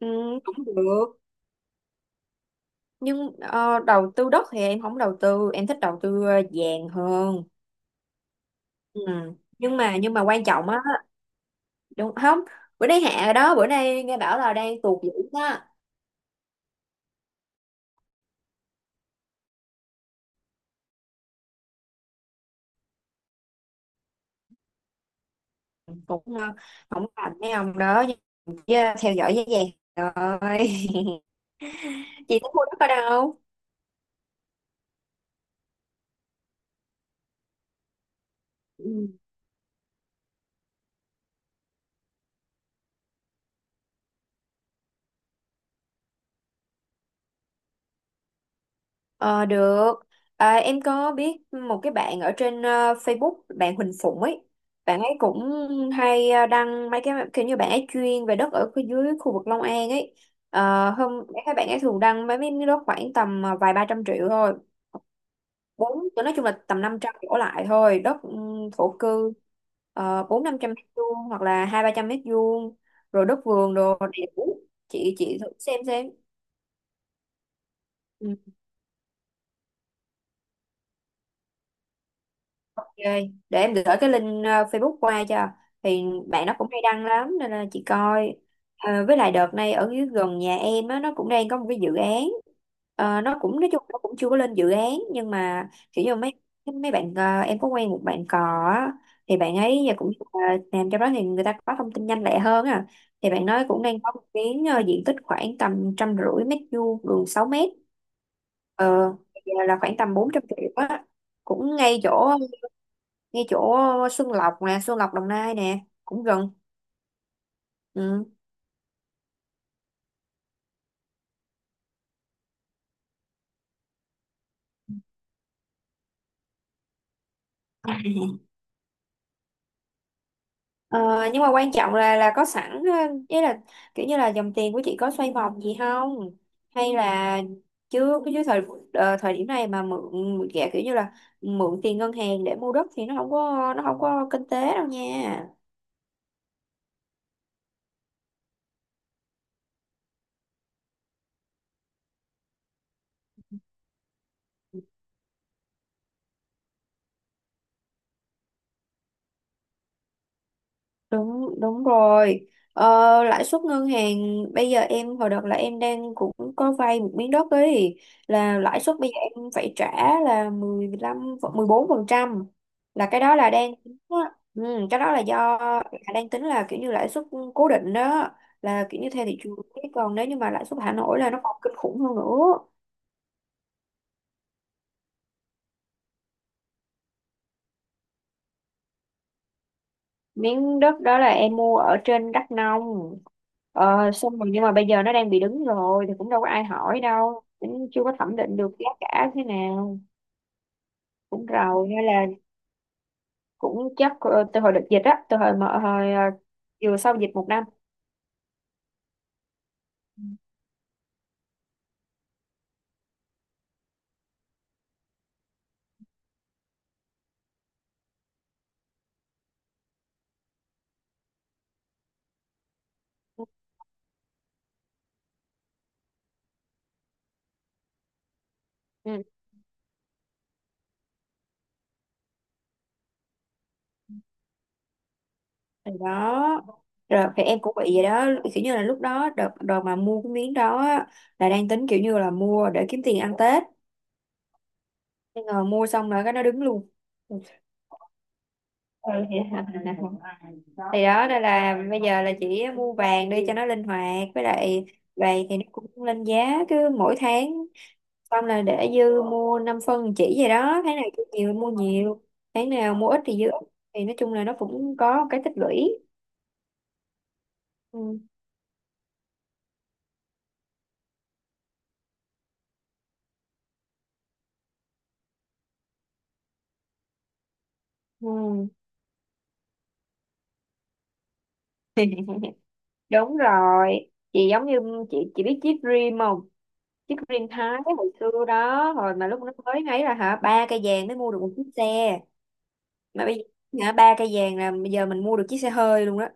Ừ, cũng được nhưng đầu tư đất thì em không đầu tư, em thích đầu tư vàng hơn. Ừ. Nhưng mà quan trọng á, đúng không, bữa nay hạ rồi đó, bữa nay nghe bảo là đang tuột dữ đó. Cũng không làm mấy ông đó nhưng chứ theo dõi giá vàng rồi. Chị tính mua đất ở đâu? Ừ. Ờ, được. À, em có biết một cái bạn ở trên Facebook, bạn Huỳnh Phụng ấy. Bạn ấy cũng hay đăng mấy cái kiểu như bạn ấy chuyên về đất ở dưới khu vực Long An ấy. Ờ, hôm các bạn ấy thường đăng mấy miếng đất khoảng tầm vài ba trăm triệu thôi. Bốn, nói chung là tầm 500 đổ lại thôi, đất ừ, thổ cư, ờ, bốn năm trăm mét vuông hoặc là hai ba trăm mét vuông, rồi đất vườn đồ đẹp. Chị thử xem xem. Ừ. Ok, để em gửi cái link Facebook qua cho thì bạn nó cũng hay đăng lắm nên là chị coi. Ờ, với lại đợt này ở dưới gần nhà em á, nó cũng đang có một cái dự án. Ờ, nó cũng nói chung nó cũng chưa có lên dự án nhưng mà kiểu như mấy mấy bạn, ờ, em có quen một bạn cò á, thì bạn ấy giờ cũng làm cho đó thì người ta có thông tin nhanh lẹ hơn à, thì bạn nói cũng đang có một miếng, ờ, diện tích khoảng tầm trăm rưỡi mét vuông, đường 6 mét. Ờ, giờ là khoảng tầm 400 triệu á, cũng ngay chỗ, ngay chỗ Xuân Lộc nè, Xuân Lộc Đồng Nai nè, cũng gần. Ừ. Ờ, nhưng mà quan trọng là có sẵn ý là kiểu như là dòng tiền của chị có xoay vòng gì không, hay là chưa, chứ thời thời điểm này mà mượn mượn gẹ kiểu như là mượn tiền ngân hàng để mua đất thì nó không có, nó không có kinh tế đâu nha. Đúng đúng rồi. Ờ, lãi suất ngân hàng bây giờ, em hồi đợt là em đang cũng có vay một miếng đất ấy, là lãi suất bây giờ em phải trả là mười, mười lăm, mười bốn phần trăm, là cái đó là đang tính á. Ừ, cái đó là do, là đang tính là kiểu như lãi suất cố định đó, là kiểu như theo thị trường. Chứ còn nếu như mà lãi suất thả nổi là nó còn kinh khủng hơn nữa. Miếng đất đó là em mua ở trên Đắk Nông. Ờ, xong rồi nhưng mà bây giờ nó đang bị đứng rồi thì cũng đâu có ai hỏi đâu, cũng chưa có thẩm định được giá cả thế nào. Cũng rầu, hay là cũng chắc từ hồi đợt dịch á, từ hồi mà hồi vừa sau dịch 1 năm. Ừ. Ừ. Thì đó, rồi thì em cũng bị vậy đó, kiểu như là lúc đó đợt đợt mà mua cái miếng đó á, là đang tính kiểu như là mua để kiếm tiền ăn Tết, nhưng mà mua xong rồi cái nó đứng luôn. Ừ vậy hả. Nè, thì đó, đây là bây giờ là chỉ mua vàng đi cho nó linh hoạt, với lại vàng thì nó cũng lên giá cứ mỗi tháng, xong là để dư mua 5 phân chỉ vậy đó, tháng nào cứ nhiều thì mua nhiều, tháng nào mua ít thì dư ít, thì nói chung là nó cũng có một cái tích lũy. Ừ. Ừ. Đúng rồi, chị giống như, chị biết chip dream không, chiếc Green Thái hồi xưa đó, hồi mà lúc nó mới ấy là hả, ba cây vàng mới mua được một chiếc xe, mà bây giờ hả, ba cây vàng là bây giờ mình mua được chiếc xe hơi luôn đó.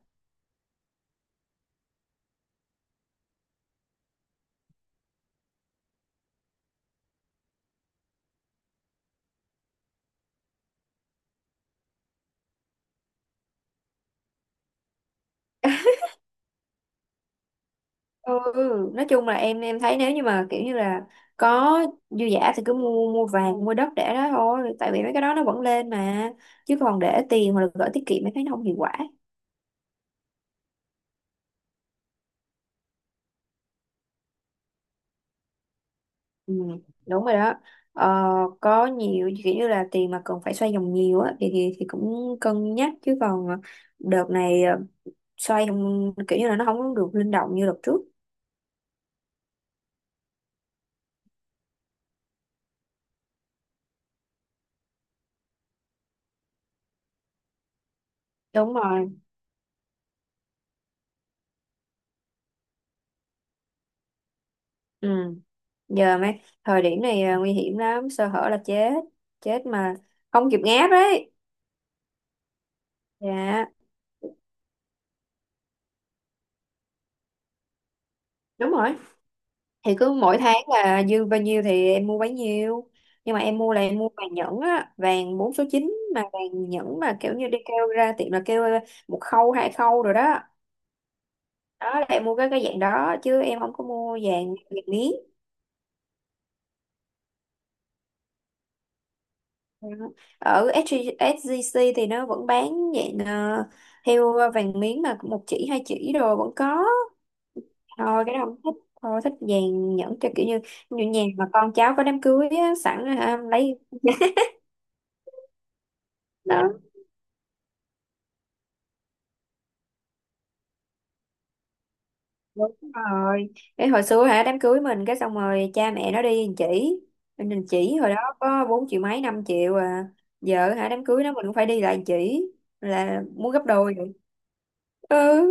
Ừ. Nói chung là em thấy nếu như mà kiểu như là có dư giả thì cứ mua mua vàng, mua đất để đó thôi, tại vì mấy cái đó nó vẫn lên mà, chứ còn để tiền hoặc là gửi tiết kiệm em thấy nó không hiệu quả. Ừ, đúng rồi đó. Ờ, có nhiều kiểu như là tiền mà cần phải xoay vòng nhiều á thì, thì cũng cân nhắc, chứ còn đợt này xoay không kiểu như là nó không được linh động như đợt trước. Đúng rồi. Ừ. Giờ mấy thời điểm này à, nguy hiểm lắm, sơ hở là chết, chết mà không kịp ngáp đấy. Dạ đúng rồi. Thì cứ mỗi tháng là dư bao nhiêu thì em mua bấy nhiêu, nhưng mà em mua là em mua vàng nhẫn á, vàng 4 số 9, mà vàng nhẫn mà kiểu như đi kêu ra tiệm là kêu à, một khâu hai khâu rồi đó, đó là em mua cái dạng đó, chứ em không có mua vàng, vàng miếng. Dạ. Ở SG, SGC thì nó vẫn bán dạng theo vàng miếng mà một chỉ hai chỉ rồi vẫn có. Thôi cái đó không thích, thôi thích vàng nhẫn cho kiểu như, như nhà mà con cháu có đám cưới á, sẵn hả, lấy đó. Đúng rồi, cái hồi xưa hả, đám cưới mình cái xong rồi cha mẹ nó đi chỉ, mình chỉ hồi đó có 4 triệu mấy, 5 triệu à, giờ hả đám cưới nó mình cũng phải đi lại chỉ là muốn gấp đôi rồi. Ừ.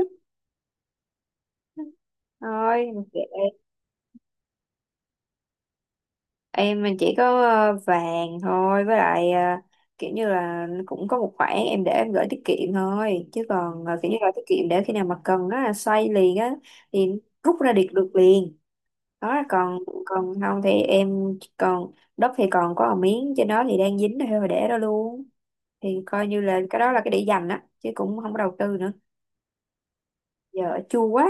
Rồi em chỉ có vàng thôi, với lại ờ, kiểu như là cũng có một khoản em để em gửi tiết kiệm thôi, chứ còn kiểu như là tiết kiệm để khi nào mà cần á xoay liền á, thì rút ra được được liền đó. Còn, còn không thì em còn đất thì còn có một miếng trên đó thì đang dính thôi mà để đó luôn, thì coi như là cái đó là cái để dành á, chứ cũng không có đầu tư nữa. Giờ chua quá.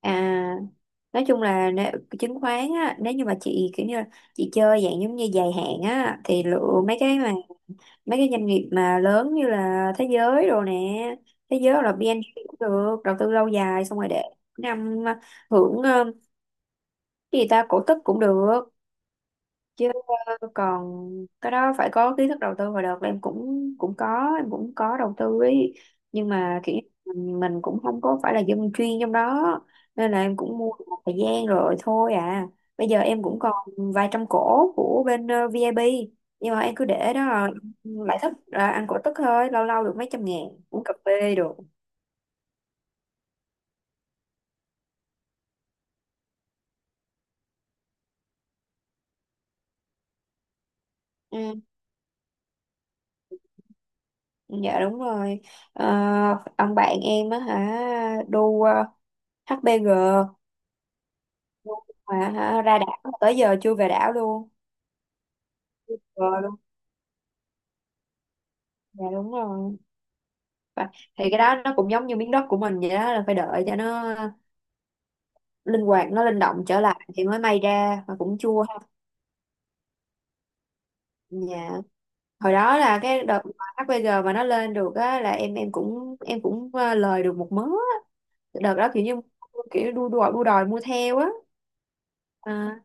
À, nói chung là nếu, chứng khoán á, nếu như mà chị kiểu như là chị chơi dạng giống như dài hạn á, thì lựa mấy cái mà mấy cái doanh nghiệp mà lớn như là thế giới rồi nè, thế giới hoặc là BNP cũng được, đầu tư lâu dài xong rồi để năm hưởng cái gì ta, cổ tức cũng được. Chứ còn cái đó phải có kiến thức đầu tư, và đợt là em cũng cũng có, em cũng có đầu tư ấy, nhưng mà kiểu như mình cũng không có phải là dân chuyên trong đó, nên là em cũng mua được một thời gian rồi thôi à. Bây giờ em cũng còn vài trăm cổ của bên VIB nhưng mà em cứ để đó rồi lại thích là ăn cổ tức thôi, lâu lâu được mấy trăm ngàn uống cà phê được. Ừ. Ừ, dạ đúng rồi. Ờ, ông bạn em á hả, đu HBG. À hả, ra đảo tới giờ chưa về đảo luôn, rồi luôn. Dạ đúng rồi. Và thì cái đó nó cũng giống như miếng đất của mình vậy đó, là phải đợi cho nó linh hoạt, nó linh động trở lại thì mới may ra, mà cũng chua ha. Dạ hồi đó là cái đợt mà HPG mà nó lên được á, là em cũng em cũng lời được một mớ á. Đợt đó kiểu như kiểu đua đòi mua theo á. À.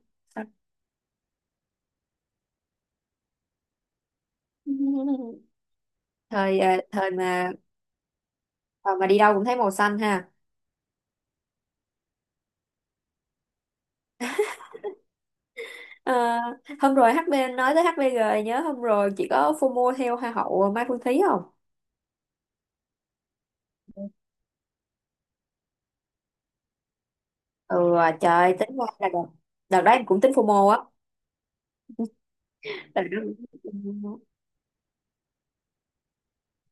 Thời thời mà, thời mà đi đâu cũng thấy màu xanh ha. Ờ, hôm rồi HB nói tới HBG nhớ, hôm rồi chị có FOMO theo Hoa hậu Mai Phương Thúy không? Ừ trời, tính ra là đợt, đợt đó em cũng tính FOMO á. Đợt đó cũng tính FOMO.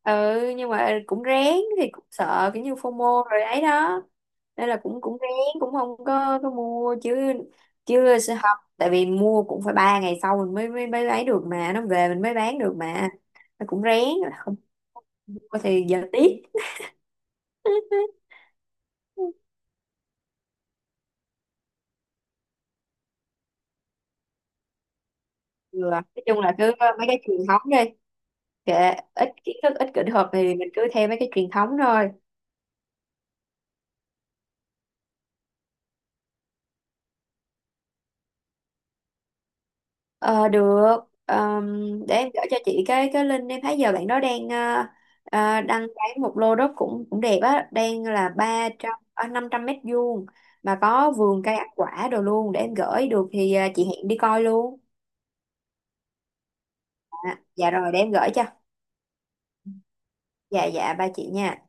Ừ nhưng mà cũng rén, thì cũng sợ kiểu như FOMO rồi ấy đó. Nên là cũng cũng rén, không có mua chứ, chứ sẽ học tại vì mua cũng phải 3 ngày sau mình mới mới mới lấy được mà nó về mình mới bán được, mà nó cũng rén. Không mua thì giờ tiếc. Ừ, nói chung là cứ mấy cái truyền thống đi, kệ, ít kiến thức ít kỹ thuật thì mình cứ theo mấy cái truyền thống thôi. Ờ được. Ờm, để em gửi cho chị cái link, em thấy giờ bạn đó đang đăng bán một lô đất cũng cũng đẹp á, đang là ba trăm năm trăm mét vuông mà có vườn cây ăn quả đồ luôn, để em gửi được thì ờ, chị hẹn đi coi luôn. À, dạ rồi, để em gửi cho. Dạ dạ ba chị nha.